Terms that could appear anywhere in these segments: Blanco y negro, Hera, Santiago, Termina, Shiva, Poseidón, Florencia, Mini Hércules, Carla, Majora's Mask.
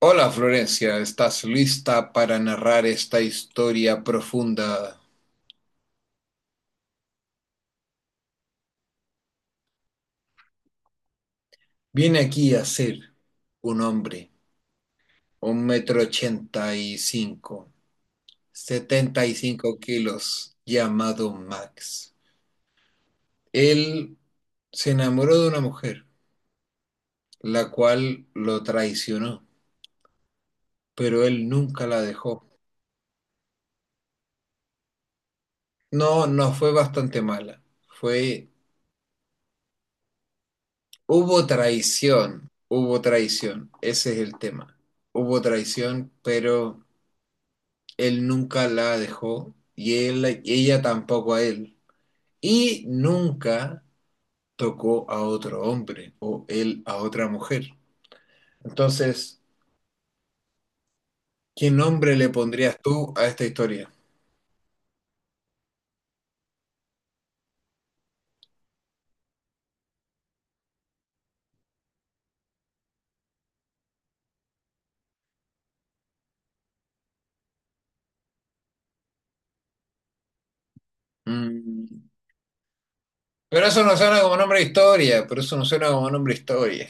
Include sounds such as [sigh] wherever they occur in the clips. Hola Florencia, ¿estás lista para narrar esta historia profunda? Viene aquí a ser un hombre, un metro ochenta y cinco, 75 kilos, llamado Max. Él se enamoró de una mujer, la cual lo traicionó, pero él nunca la dejó. No, no fue bastante mala, fue... hubo traición, ese es el tema. Hubo traición, pero él nunca la dejó y él, ella tampoco a él. Y nunca tocó a otro hombre o él a otra mujer. Entonces, ¿qué nombre le pondrías tú a esta historia? Mm. Pero eso no suena como nombre de historia, pero eso no suena como nombre de historia.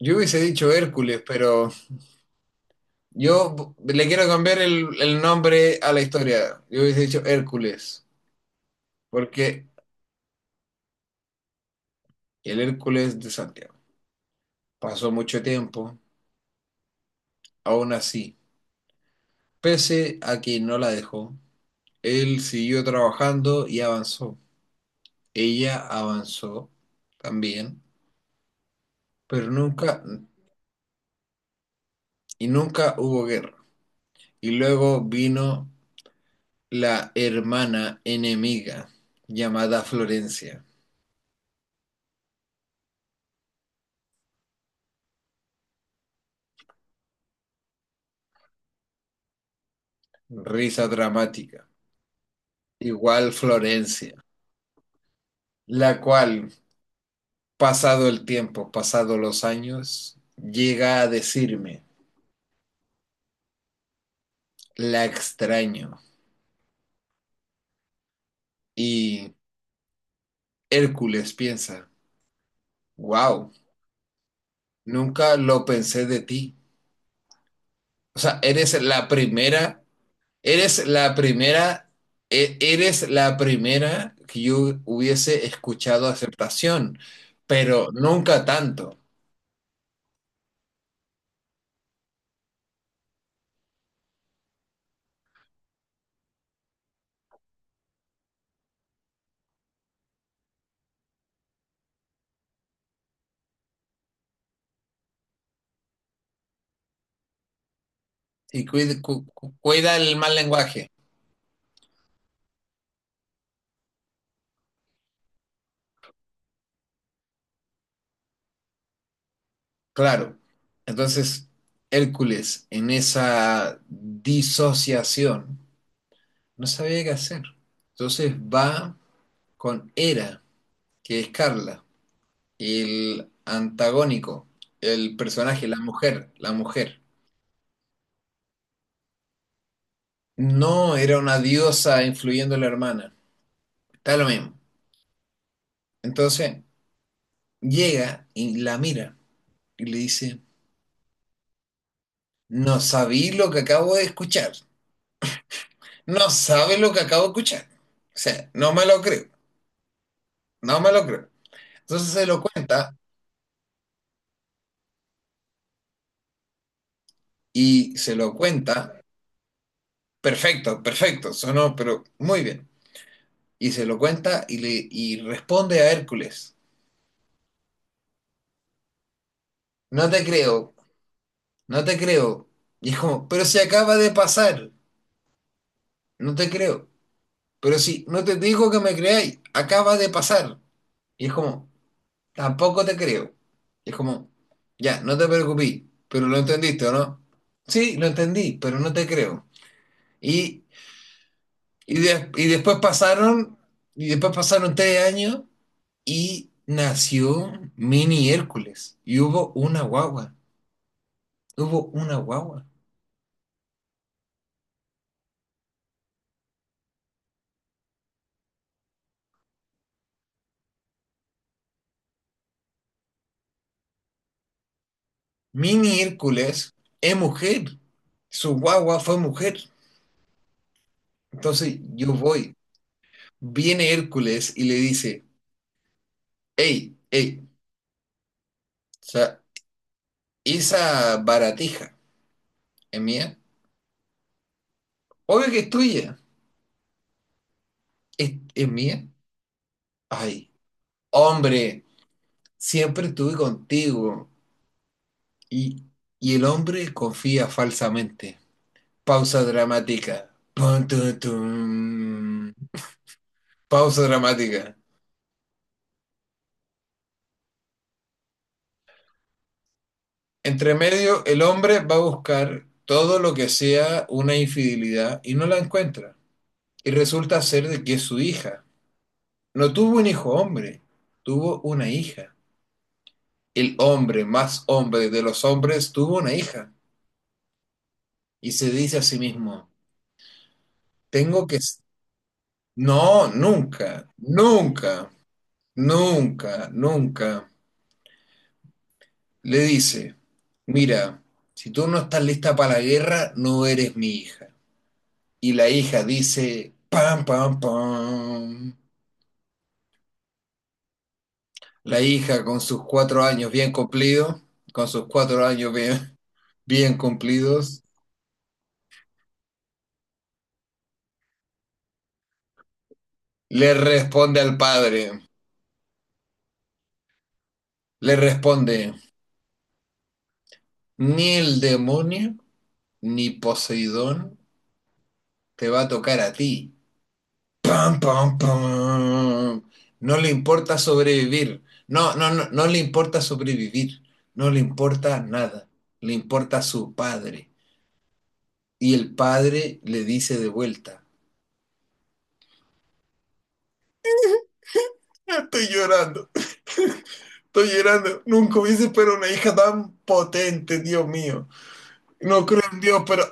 Yo hubiese dicho Hércules, pero yo le quiero cambiar el nombre a la historia. Yo hubiese dicho Hércules, porque el Hércules de Santiago pasó mucho tiempo, aún así pese a que no la dejó, él siguió trabajando y avanzó. Ella avanzó también, pero nunca y nunca hubo guerra. Y luego vino la hermana enemiga llamada Florencia. Risa dramática. Igual Florencia, la cual, pasado el tiempo, pasado los años, llega a decirme, la extraño. Y Hércules piensa, wow, nunca lo pensé de ti. O sea, eres la primera, eres la primera que yo hubiese escuchado aceptación, pero nunca tanto. Y cuida, cuida el mal lenguaje, claro. Entonces, Hércules, en esa disociación, no sabía qué hacer. Entonces va con Hera, que es Carla. El antagónico, el personaje, la sí, mujer, la mujer. No era una diosa influyendo a la hermana. Está lo mismo. Entonces llega y la mira y le dice, no sabí lo que acabo de escuchar. No sabe lo que acabo de escuchar. O sea, no me lo creo, no me lo creo. Entonces se lo cuenta y se lo cuenta. Perfecto, perfecto, sonó, pero muy bien. Y se lo cuenta y, le, y responde a Hércules. No te creo, no te creo. Y es como, pero si acaba de pasar, no te creo. Pero si no te digo que me creáis, acaba de pasar. Y es como, tampoco te creo. Y es como, ya, no te preocupes, pero lo entendiste, ¿o no? Sí, lo entendí, pero no te creo. Y, y, de- y después pasaron, y después pasaron 3 años y nació Mini Hércules. Y hubo una guagua. Hubo una guagua. Mini Hércules es mujer. Su guagua fue mujer. Entonces yo voy. Viene Hércules y le dice, hey, hey, o sea, esa baratija es mía. Obvio que es tuya. ¿Es mía? Ay, hombre, siempre estuve contigo. Y, y el hombre confía falsamente. Pausa dramática. Pum, tum, tum. Pausa dramática. Entre medio, el hombre va a buscar todo lo que sea una infidelidad y no la encuentra. Y resulta ser de que es su hija. No tuvo un hijo hombre, tuvo una hija. El hombre más hombre de los hombres tuvo una hija. Y se dice a sí mismo, tengo que... No, nunca, nunca, nunca, nunca. Le dice, mira, si tú no estás lista para la guerra, no eres mi hija. Y la hija dice, pam, pam, pam. La hija con sus 4 años bien cumplidos, con sus cuatro años bien, bien cumplidos, le responde al padre, le responde, ni el demonio ni Poseidón te va a tocar a ti. Pam, pam, pam. No le importa sobrevivir. No, no, no, no le importa sobrevivir. No le importa nada. Le importa a su padre. Y el padre le dice de vuelta, estoy llorando, estoy llorando. Nunca hubiese esperado una hija tan potente, Dios mío. No creo en Dios, pero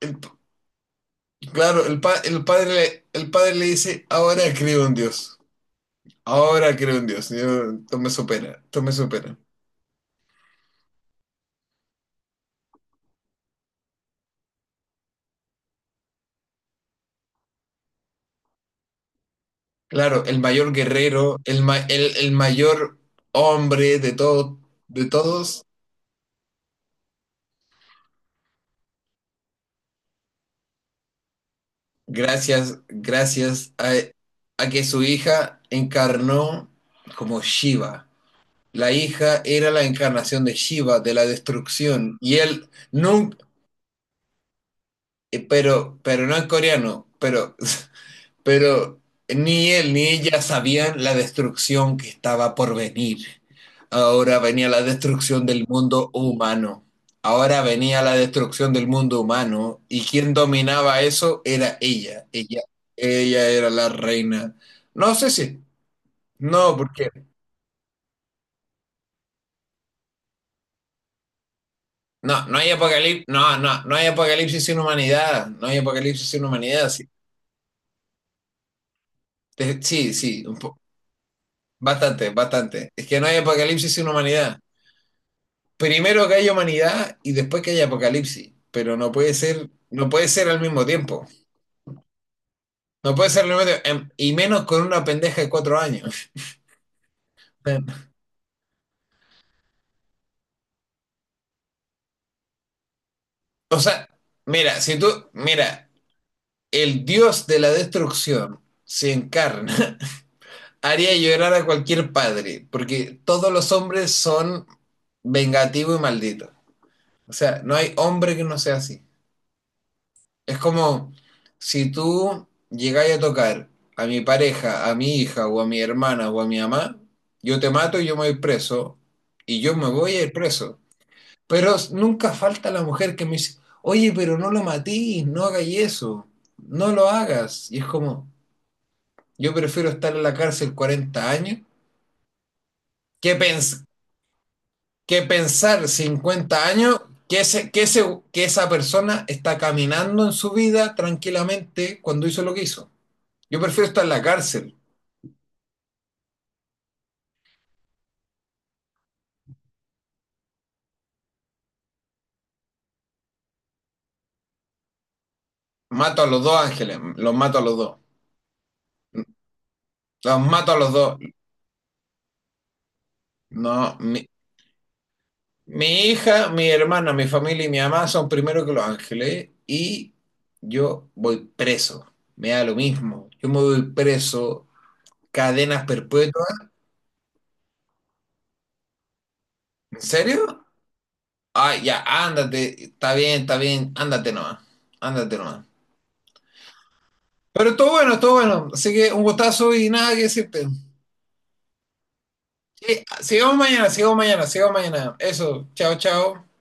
el- claro, el padre, el padre le dice, ahora creo en Dios. Ahora creo en Dios. Yo, esto me supera, esto me supera. Claro, el mayor guerrero, el mayor hombre de, todo, de todos, gracias, gracias a que su hija encarnó como Shiva. La hija era la encarnación de Shiva, de la destrucción. Y él nunca, pero no en coreano, pero, [laughs] pero ni él ni ella sabían la destrucción que estaba por venir. Ahora venía la destrucción del mundo humano. Ahora venía la destrucción del mundo humano y quien dominaba eso era ella. Ella, era la reina. No sé si, no, porque no, no hay apocalipsis, no, no, no hay apocalipsis sin humanidad, no hay apocalipsis sin humanidad, sí, sí, sí, bastante, bastante. Es que no hay apocalipsis sin humanidad. Primero que haya humanidad y después que haya apocalipsis, pero no puede ser, no puede ser al mismo tiempo. No puede ser al mismo tiempo, y menos con una pendeja de 4 años. [laughs] O sea, mira, si tú, mira, el dios de la destrucción se encarna haría llorar a cualquier padre, porque todos los hombres son vengativos y malditos. O sea, no hay hombre que no sea así. Es como si tú llegáis a tocar a mi pareja, a mi hija o a mi hermana o a mi mamá, yo te mato y yo me voy preso y yo me voy a ir preso. Pero nunca falta la mujer que me dice, oye, pero no lo matís, no hagáis eso, no lo hagas. Y es como, yo prefiero estar en la cárcel 40 años que, que pensar 50 años que, ese, que, ese, que esa persona está caminando en su vida tranquilamente cuando hizo lo que hizo. Yo prefiero estar en la cárcel. Mato a los dos ángeles, los mato a los dos. Los mato a los dos. No, mi hija, mi hermana, mi familia y mi mamá son primero que los ángeles y yo voy preso. Me da lo mismo. Yo me voy preso, cadenas perpetuas. ¿En serio? Ay, ya, ándate, está bien, ándate nomás, ándate nomás. Pero todo bueno, así que un gustazo y nada que decirte. Sí, sigamos mañana, sigamos mañana, sigamos mañana. Eso, chao, chao.